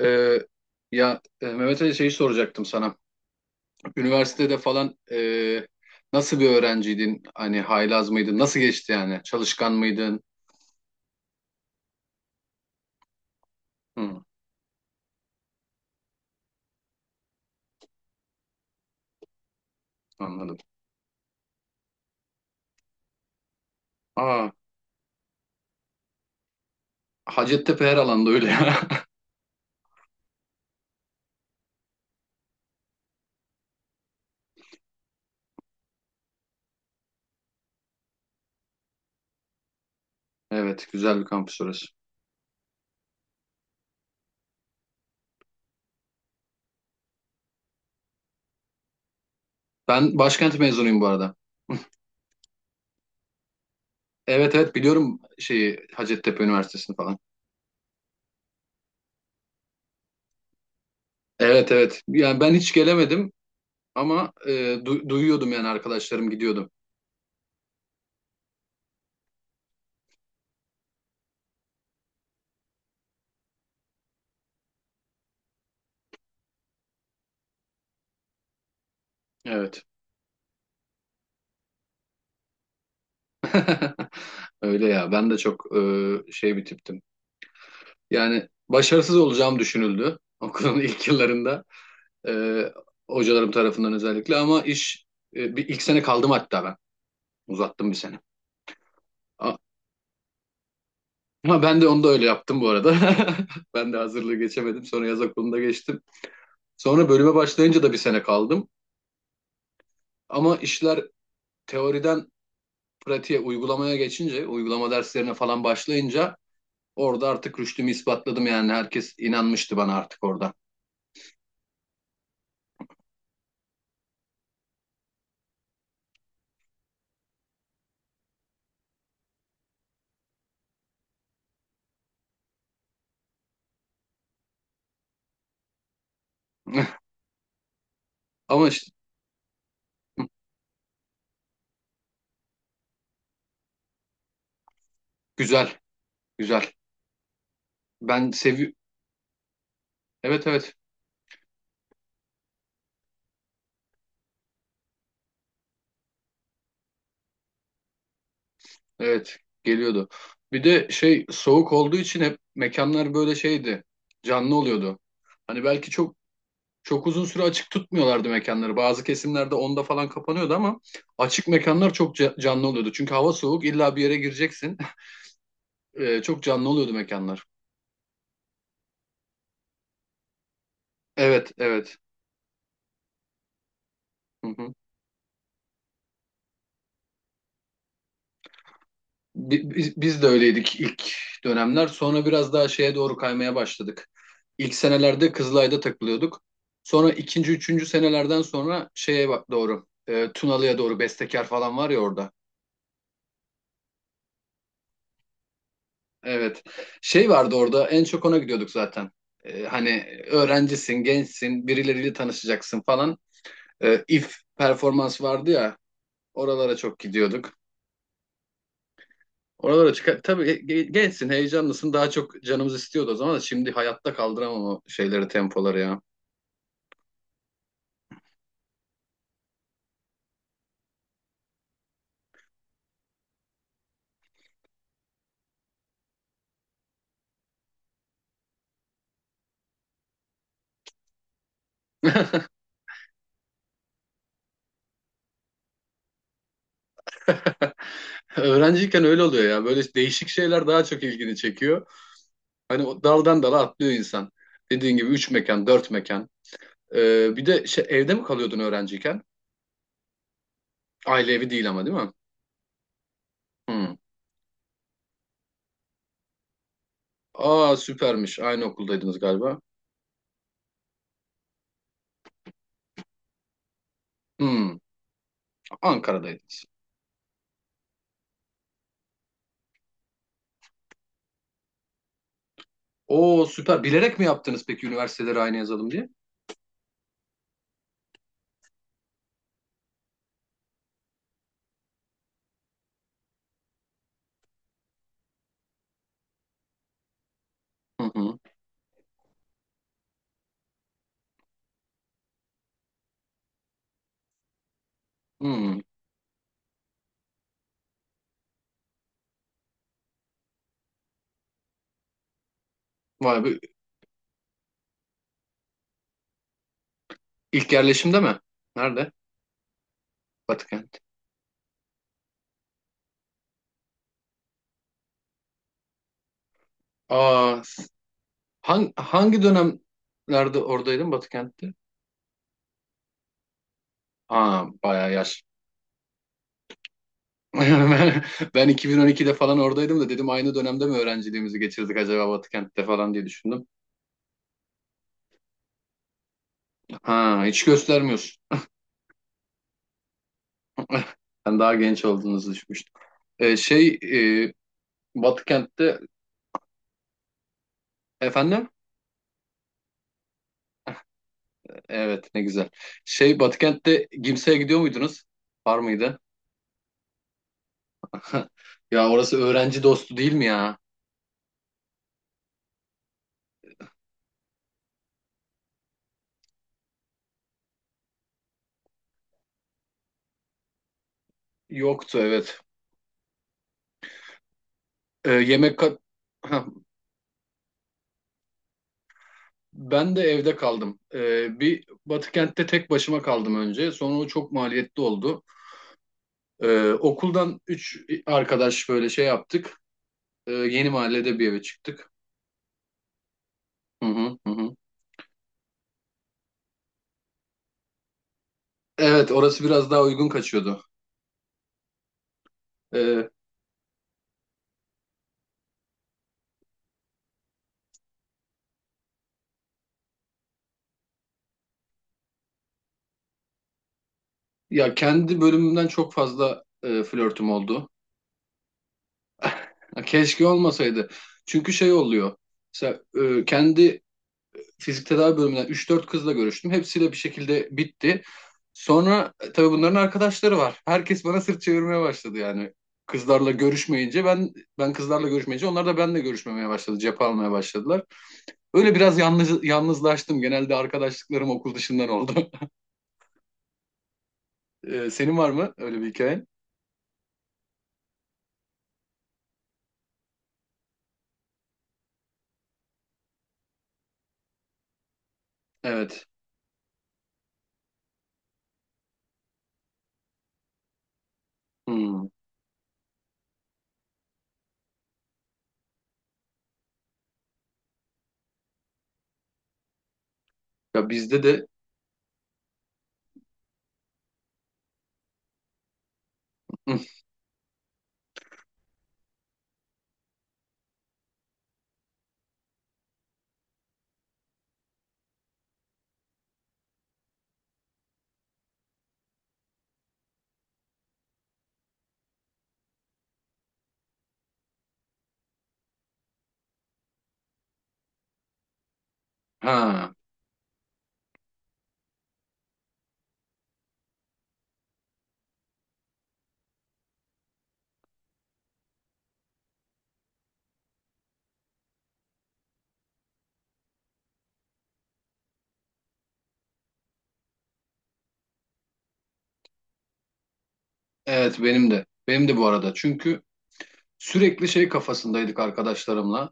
Ee, Mehmet Ali şeyi soracaktım sana. Üniversitede falan nasıl bir öğrenciydin? Hani haylaz mıydın? Nasıl geçti yani? Çalışkan mıydın? Hı, anladım. Aa, Hacettepe her alanda öyle ya. Evet, güzel bir kampüs orası. Ben başkent mezunuyum bu arada. Evet, evet, biliyorum şeyi Hacettepe Üniversitesi'ni falan. Evet, evet. Yani ben hiç gelemedim ama duyuyordum yani arkadaşlarım gidiyordum. Evet. Öyle ya. Ben de çok şey bir tiptim. Yani başarısız olacağım düşünüldü okulun ilk yıllarında e, hocalarım tarafından özellikle ama iş e, bir ilk sene kaldım hatta ben uzattım bir sene. A- Ama ben de onu da öyle yaptım bu arada. Ben de hazırlığı geçemedim sonra yaz okulunda geçtim. Sonra bölüme başlayınca da bir sene kaldım ama işler teoriden pratiğe uygulamaya geçince uygulama derslerine falan başlayınca orada artık rüştümü ispatladım yani herkes inanmıştı bana artık orada. Ama işte güzel, güzel. Ben sevi Evet, evet. Evet, geliyordu. Bir de şey soğuk olduğu için hep mekanlar böyle şeydi. Canlı oluyordu. Hani belki çok uzun süre açık tutmuyorlardı mekanları. Bazı kesimlerde onda falan kapanıyordu ama açık mekanlar çok canlı oluyordu. Çünkü hava soğuk illa bir yere gireceksin. Çok canlı oluyordu mekanlar. Evet, evet. Hı hı. Biz de öyleydik ilk dönemler. Sonra biraz daha şeye doğru kaymaya başladık. İlk senelerde Kızılay'da takılıyorduk. Sonra ikinci, üçüncü senelerden sonra şeye bak doğru. Tunalı'ya doğru Bestekar falan var ya orada. Evet. Şey vardı orada en çok ona gidiyorduk zaten. E, hani öğrencisin, gençsin, birileriyle tanışacaksın falan. E, if performans vardı ya oralara çok gidiyorduk. Oralara çıkar. Tabii gençsin, heyecanlısın. Daha çok canımız istiyordu o zaman da şimdi hayatta kaldıramam o şeyleri, tempoları ya. Öğrenciyken öyle oluyor ya. Böyle değişik şeyler daha çok ilgini çekiyor. Hani o daldan dala atlıyor insan. Dediğin gibi üç mekan, dört mekan. Bir de şey, evde mi kalıyordun öğrenciyken? Aile evi değil ama değil mi? Hmm. Aa süpermiş. Aynı okuldaydınız galiba. Hmm. Ankara'daydınız. Oo süper. Bilerek mi yaptınız peki üniversiteleri aynı yazalım diye? Hı hı. Hmm. Vay be. İlk yerleşimde mi? Nerede? Batıkent. Aa, s- hangi dönemlerde oradaydın Batıkent'te? Aa, bayağı yaş. Ben, ben 2012'de falan oradaydım da dedim aynı dönemde mi öğrenciliğimizi geçirdik acaba Batıkent'te falan diye düşündüm. Ha, hiç göstermiyorsun. Ben daha genç olduğunuzu düşünmüştüm. Ee, şey e, Batıkent'te efendim? Evet, ne güzel. Şey Batıkent'te Gimse'ye gidiyor muydunuz? Var mıydı? Ya orası öğrenci dostu değil mi ya? Yoktu evet. Yemek kat... Ben de evde kaldım. Bir Batıkent'te tek başıma kaldım önce. Sonra o çok maliyetli oldu. Okuldan üç arkadaş böyle şey yaptık. Yeni mahallede bir eve çıktık. Hı hı, hı hı. Evet, orası biraz daha uygun kaçıyordu. Ee, Kendi bölümümden çok fazla flörtüm oldu. Keşke olmasaydı. Çünkü şey oluyor. Mesela kendi fizik tedavi bölümünden üç dört kızla görüştüm. Hepsiyle bir şekilde bitti. Sonra tabii bunların arkadaşları var. Herkes bana sırt çevirmeye başladı yani. Kızlarla görüşmeyince ben ben kızlarla görüşmeyince onlar da benimle görüşmemeye başladı. Cephe almaya başladılar. Öyle biraz yalnızlaştım. Genelde arkadaşlıklarım okul dışından oldu. E, senin var mı öyle bir hikayen? Evet. Hmm. Ya bizde de ha evet benim de. Benim de bu arada. Çünkü sürekli şey kafasındaydık arkadaşlarımla.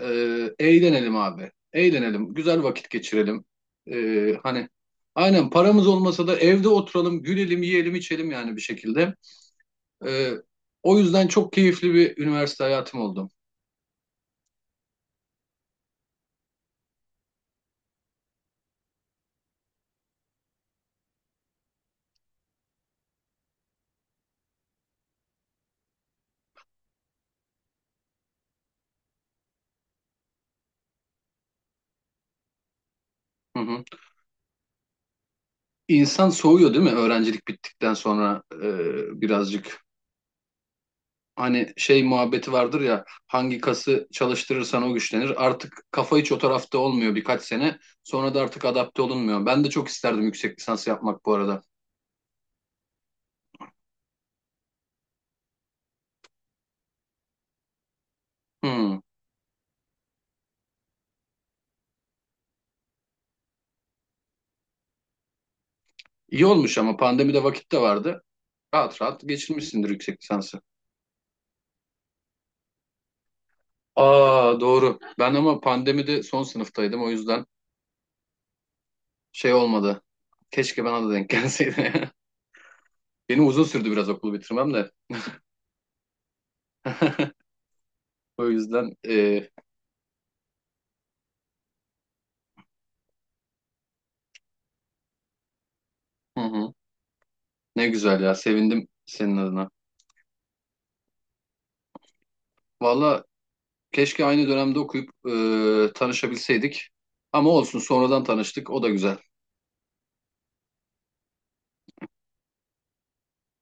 Eğlenelim abi. Eğlenelim. Güzel vakit geçirelim. Hani aynen paramız olmasa da evde oturalım, gülelim, yiyelim, içelim yani bir şekilde. Ee, O yüzden çok keyifli bir üniversite hayatım oldu. Hı hı. İnsan soğuyor değil mi? Öğrencilik bittikten sonra birazcık. Hani şey muhabbeti vardır ya hangi kası çalıştırırsan o güçlenir. Artık kafa hiç o tarafta olmuyor birkaç sene. Sonra da artık adapte olunmuyor. Ben de çok isterdim yüksek lisans yapmak bu arada. Hı. İyi olmuş ama pandemide vakit de vardı. Rahat rahat geçirmişsindir yüksek lisansı. Aa doğru. Ben ama pandemide son sınıftaydım o yüzden şey olmadı. Keşke bana da denk gelseydi. Benim uzun sürdü biraz okulu bitirmem de. O yüzden e, hı hı. Ne güzel ya sevindim senin adına. Valla keşke aynı dönemde okuyup tanışabilseydik. Ama olsun sonradan tanıştık o da güzel.